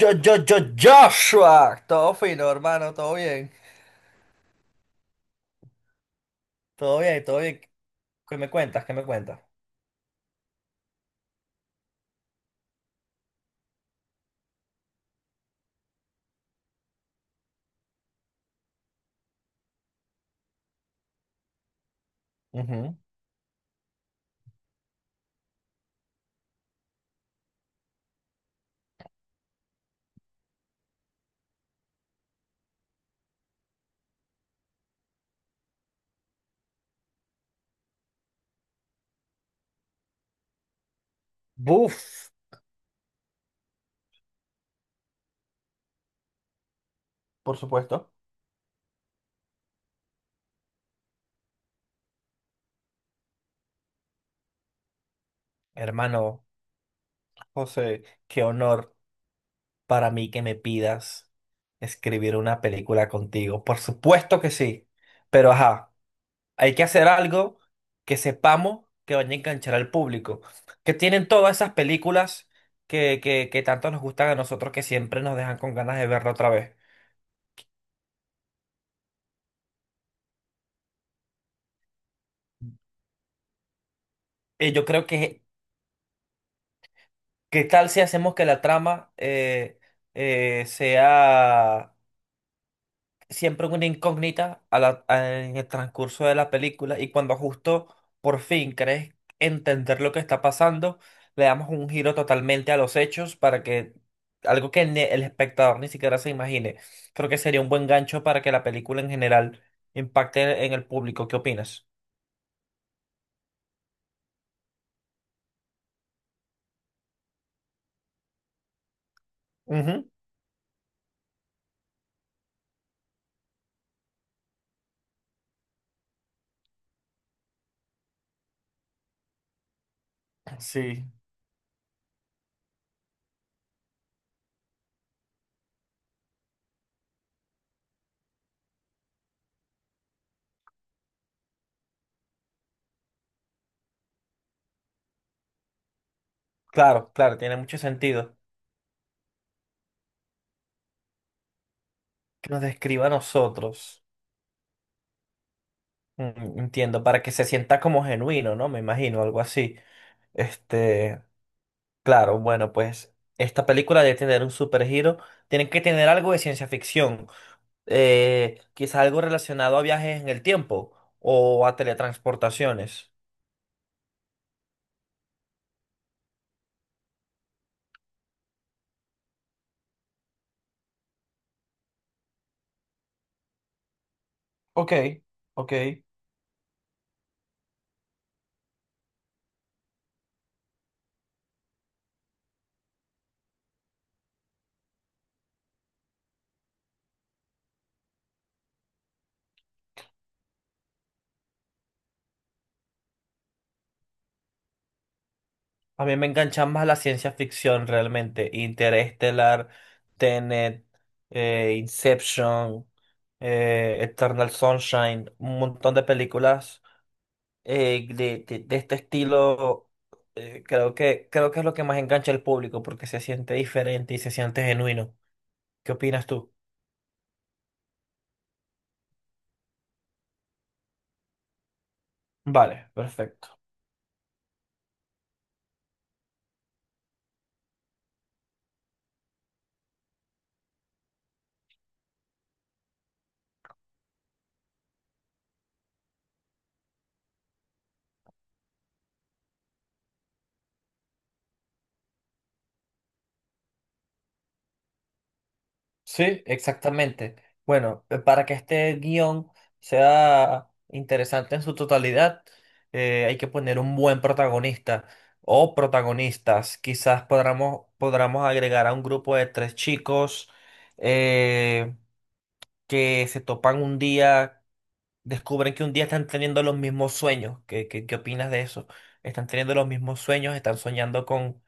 Yo, Joshua. Todo fino, hermano, todo bien. Todo bien, todo bien. ¿Qué me cuentas? ¿Qué me cuentas? Ujú. Buf, por supuesto. Hermano, José, qué honor para mí que me pidas escribir una película contigo. Por supuesto que sí. Pero ajá, hay que hacer algo que sepamos que vaya a enganchar al público. Que tienen todas esas películas que tanto nos gustan a nosotros que siempre nos dejan con ganas de verla otra vez. Yo creo que ¿Qué tal si hacemos que la trama sea siempre una incógnita en el transcurso de la película y cuando justo por fin crees entender lo que está pasando, le damos un giro totalmente a los hechos para que algo que el espectador ni siquiera se imagine? Creo que sería un buen gancho para que la película en general impacte en el público. ¿Qué opinas? Ujú. Sí, claro, claro, tiene mucho sentido que nos describa a nosotros. Entiendo, para que se sienta como genuino, ¿no? Me imagino, algo así. Este, claro, bueno, pues esta película debe tener un supergiro. Tienen que tener algo de ciencia ficción. Quizás algo relacionado a viajes en el tiempo o a teletransportaciones. Ok, ok. A mí me engancha más la ciencia ficción realmente. Interestelar, Tenet, Inception, Eternal Sunshine, un montón de películas de este estilo, creo que es lo que más engancha al público porque se siente diferente y se siente genuino. ¿Qué opinas tú? Vale, perfecto. Sí, exactamente. Bueno, para que este guión sea interesante en su totalidad, hay que poner un buen protagonista o protagonistas. Quizás podamos agregar a un grupo de tres chicos, eh, que se topan un día, descubren que un día están teniendo los mismos sueños. ¿Qué opinas de eso? Están teniendo los mismos sueños, están soñando con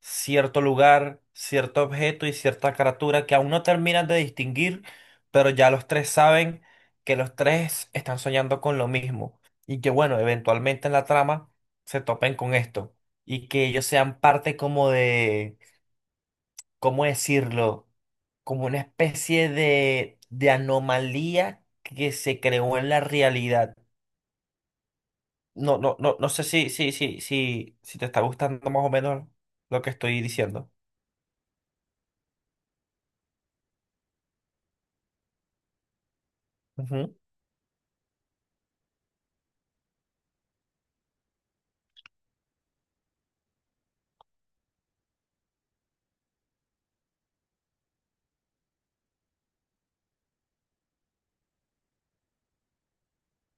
cierto lugar, cierto objeto y cierta criatura que aún no terminan de distinguir, pero ya los tres saben que los tres están soñando con lo mismo y que, bueno, eventualmente en la trama se topen con esto y que ellos sean parte como de, ¿cómo decirlo? Como una especie de anomalía que se creó en la realidad. No, no sé si, te está gustando más o menos lo que estoy diciendo. Ujú.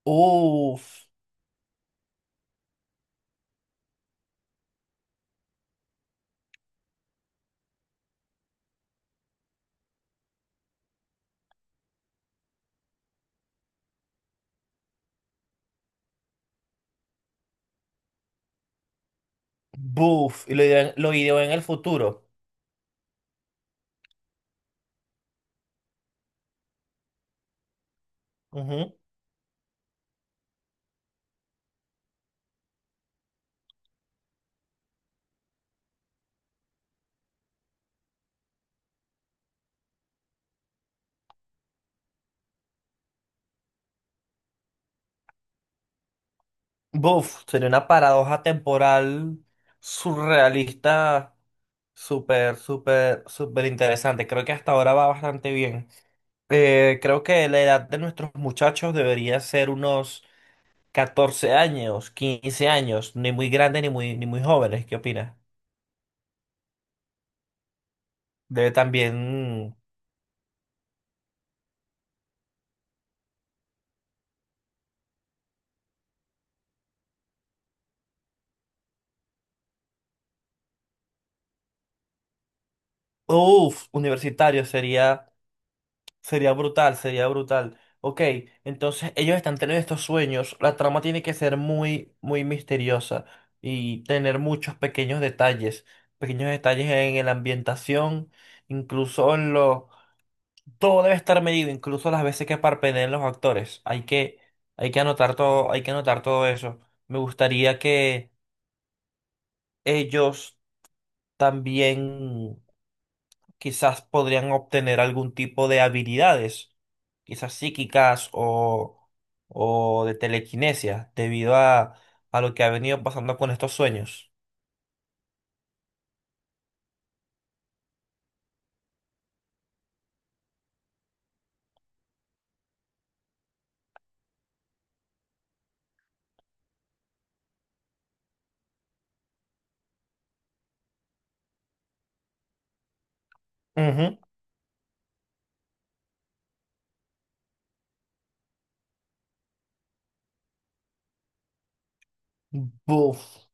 Uf, buf, y lo ideó en el futuro. Ujú. Buf, sería una paradoja temporal surrealista súper, súper, súper interesante. Creo que hasta ahora va bastante bien. Creo que la edad de nuestros muchachos debería ser unos 14 años, 15 años, ni muy grandes ni muy, ni muy jóvenes. ¿Qué opinas? Debe también. Uf, universitario sería brutal, sería brutal. Ok, entonces ellos están teniendo estos sueños. La trama tiene que ser muy, muy misteriosa y tener muchos pequeños detalles en la ambientación, incluso en lo... Todo debe estar medido, incluso las veces que parpadeen los actores. Hay que anotar todo, hay que anotar todo eso. Me gustaría que ellos también quizás podrían obtener algún tipo de habilidades, quizás psíquicas o de telequinesia, debido a lo que ha venido pasando con estos sueños. Ujú. Buf,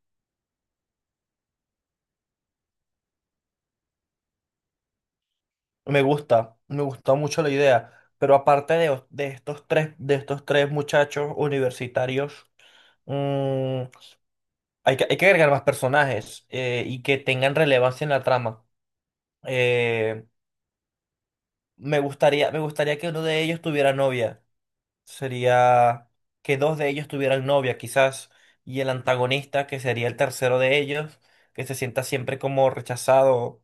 me gusta mucho la idea. Pero aparte de estos tres, de estos tres muchachos universitarios, mm, hay que agregar más personajes, y que tengan relevancia en la trama. Eh, me gustaría que uno de ellos tuviera novia. Sería que dos de ellos tuvieran novia, quizás, y el antagonista, que sería el tercero de ellos, que se sienta siempre como rechazado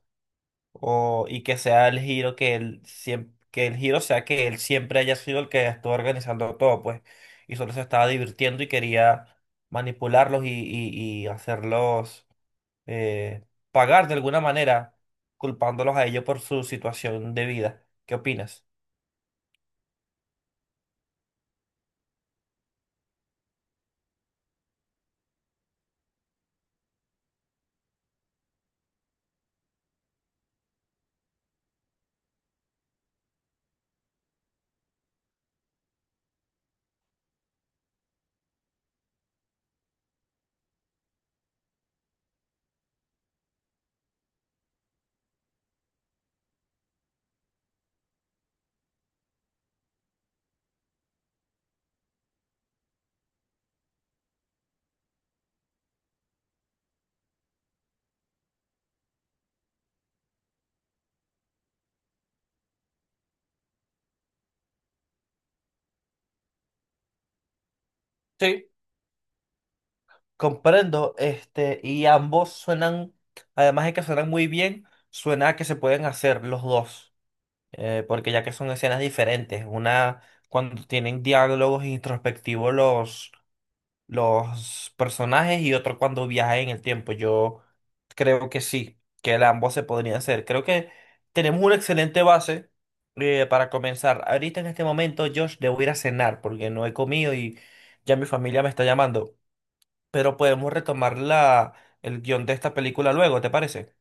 o, y que sea el giro que él siempre, que el giro sea que él siempre haya sido el que estuvo organizando todo, pues, y solo se estaba divirtiendo y quería manipularlos y, y hacerlos, eh, pagar de alguna manera, culpándolos a ellos por su situación de vida. ¿Qué opinas? Sí, comprendo, y ambos suenan, además de que suenan muy bien, suena a que se pueden hacer los dos, porque ya que son escenas diferentes, una cuando tienen diálogos introspectivos los personajes y otro cuando viajan en el tiempo. Yo creo que sí, que el ambos se podrían hacer. Creo que tenemos una excelente base, para comenzar. Ahorita en este momento, Josh, debo ir a cenar porque no he comido y ya mi familia me está llamando. Pero podemos retomar el guión de esta película luego, ¿te parece?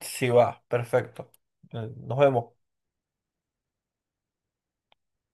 Sí, va, perfecto. Nos vemos.